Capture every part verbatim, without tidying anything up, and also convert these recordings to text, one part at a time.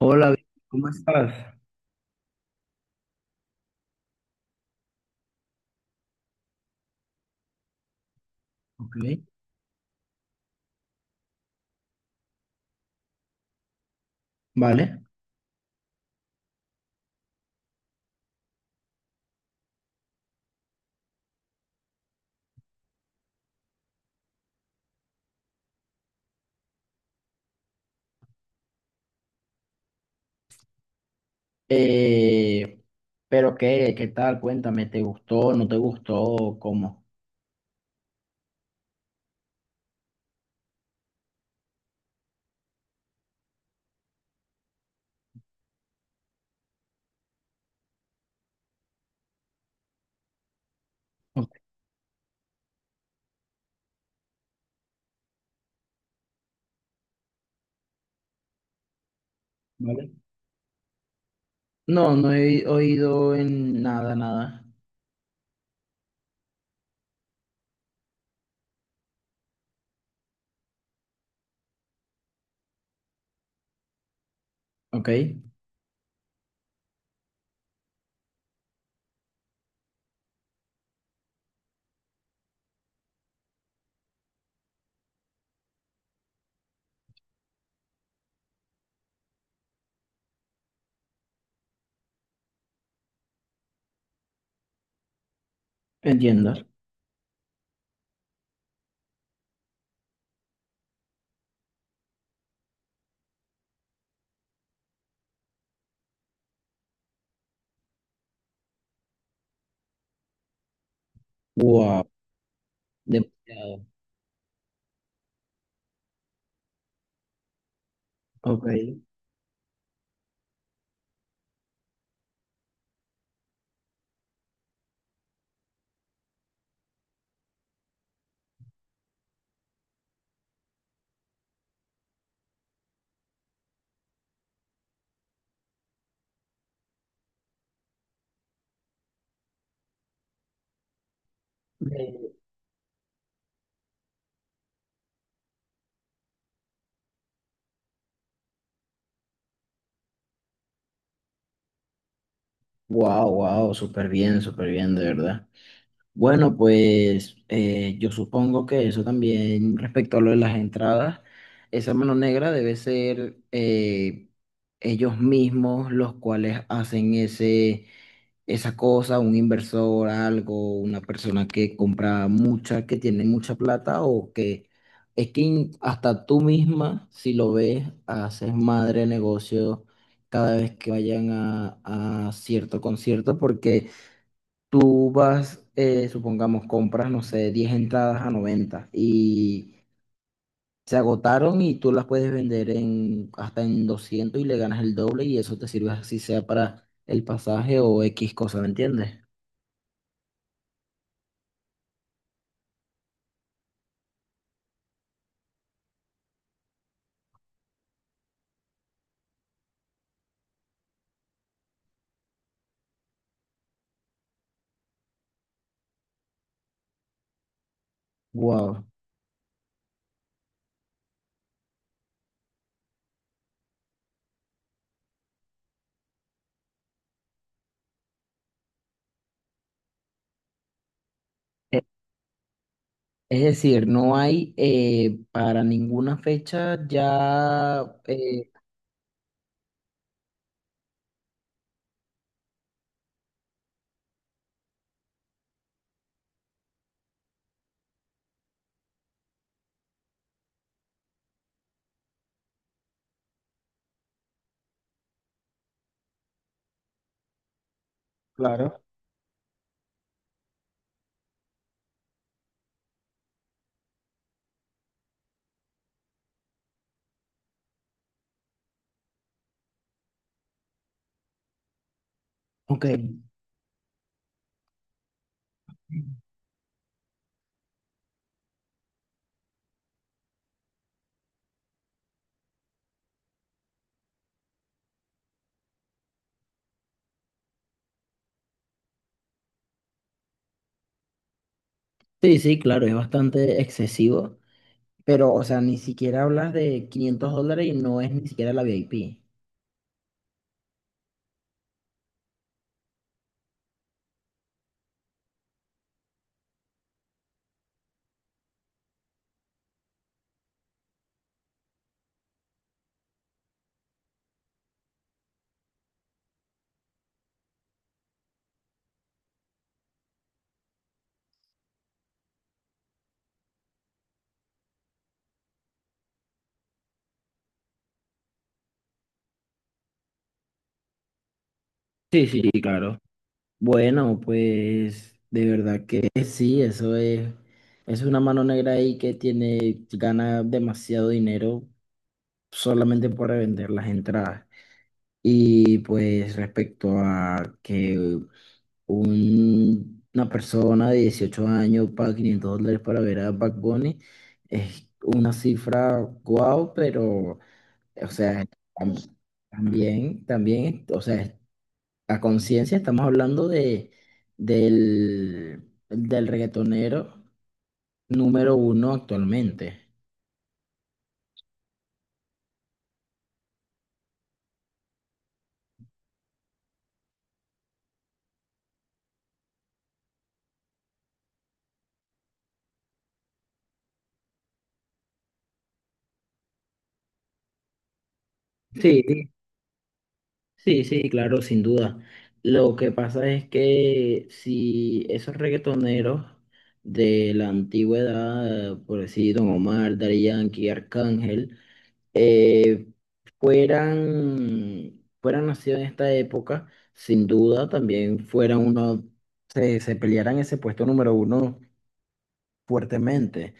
Hola, ¿cómo estás? Ok, vale. Eh, pero qué, ¿qué tal? Cuéntame, ¿te gustó? ¿No te gustó? ¿Cómo? Ok, vale. No, no he oído en nada, nada. Ok, entiendo. Wow, demasiado. Ok. Wow, wow, súper bien, súper bien, de verdad. Bueno, pues eh, yo supongo que eso también respecto a lo de las entradas, esa mano negra debe ser eh, ellos mismos los cuales hacen ese, esa cosa, un inversor, algo, una persona que compra mucha, que tiene mucha plata o que es que in- hasta tú misma, si lo ves, haces madre negocio cada vez que vayan a, a cierto concierto porque. Tú vas, eh, supongamos, compras, no sé, diez entradas a noventa y se agotaron y tú las puedes vender en, hasta en doscientos y le ganas el doble y eso te sirve así sea para el pasaje o X cosa, ¿me entiendes? Wow. E- Es decir, no hay eh, para ninguna fecha ya. Eh, claro. Ok. Sí, sí, claro, es bastante excesivo, pero, o sea, ni siquiera hablas de quinientos dólares y no es ni siquiera la VIP. Sí, sí, sí, claro. Bueno, pues de verdad que sí, eso es, es una mano negra ahí que tiene, gana demasiado dinero solamente por revender las entradas. Y pues respecto a que un- una persona de dieciocho años paga quinientos dólares para ver a Bad Bunny, es una cifra guau, pero, o sea, tam- también, también, o sea, a conciencia estamos hablando de, del, del reggaetonero número uno actualmente. Sí, sí, sí, sí, claro, sin duda. Lo que pasa es que si esos reggaetoneros de la antigüedad, por decir Don Omar, Daddy Yankee, Arcángel, eh, fueran, fueran nacidos en esta época, sin duda también fueran uno, se, se pelearan ese puesto número uno fuertemente.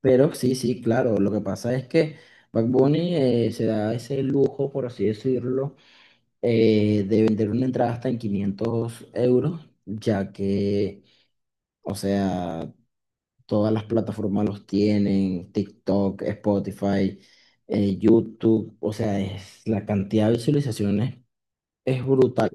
Pero sí, sí, claro, lo que pasa es que Bad Bunny eh, se da ese lujo, por así decirlo, eh, de vender una entrada hasta en quinientos euros, ya que, o sea, todas las plataformas los tienen, TikTok, Spotify, eh, YouTube, o sea, es, la cantidad de visualizaciones es brutal.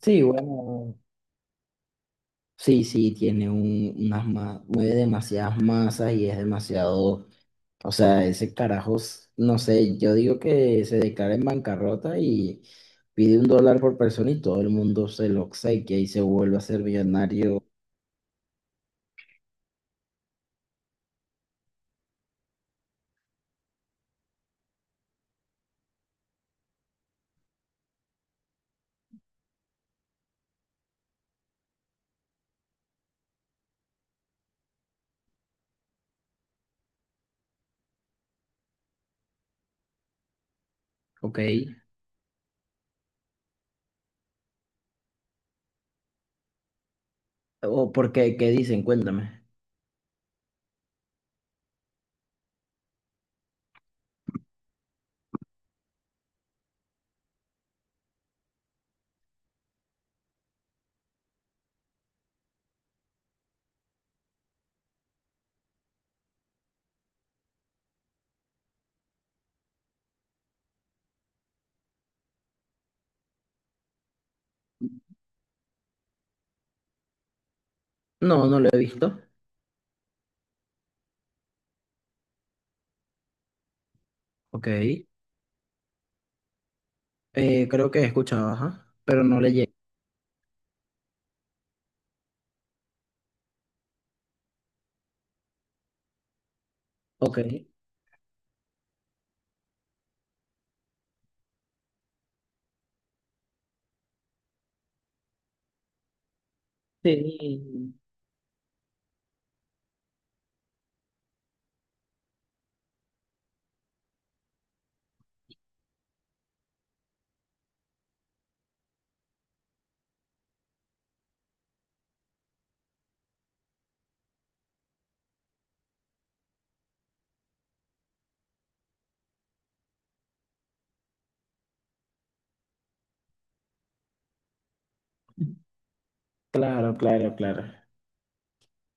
Sí, bueno, sí, sí, tiene un, unas ma- mueve demasiadas masas y es demasiado. O sea, ese carajos, no sé, yo digo que se declara en bancarrota y pide un dólar por persona y todo el mundo se lo obsequia y se vuelve a ser millonario. Ok. ¿O por qué? ¿Qué dicen? Cuéntame. No, no lo he visto. Ok. Eh, creo que he escuchado, ajá, pero no le llegué. Ok. Sí, claro, claro, claro.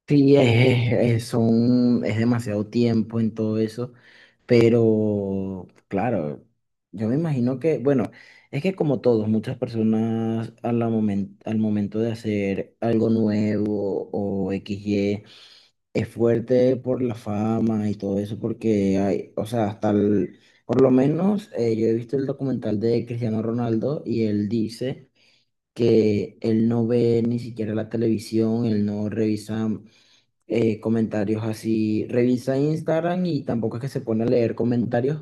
Sí, es, es- es- son, es demasiado tiempo en todo eso. Pero, claro, yo me imagino que, bueno, es que como todos, muchas personas a la momen- al momento de hacer algo nuevo o equis i griega, es fuerte por la fama y todo eso, porque hay, o sea, hasta el- por lo menos eh, yo he visto el documental de Cristiano Ronaldo y él dice que él no ve ni siquiera la televisión, él no revisa eh, comentarios así. Revisa Instagram y tampoco es que se pone a leer comentarios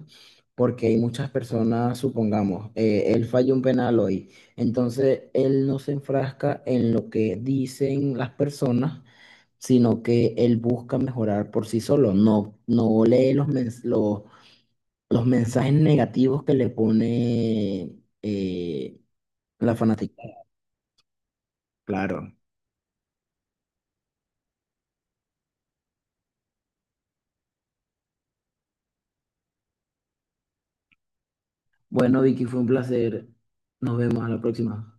porque hay muchas personas, supongamos, eh, él falló un penal hoy. Entonces, él no se enfrasca en lo que dicen las personas, sino que él busca mejorar por sí solo. No, no lee los, mens- los, los mensajes negativos que le pone eh, la fanática. Claro. Bueno, Vicky, fue un placer. Nos vemos a la próxima.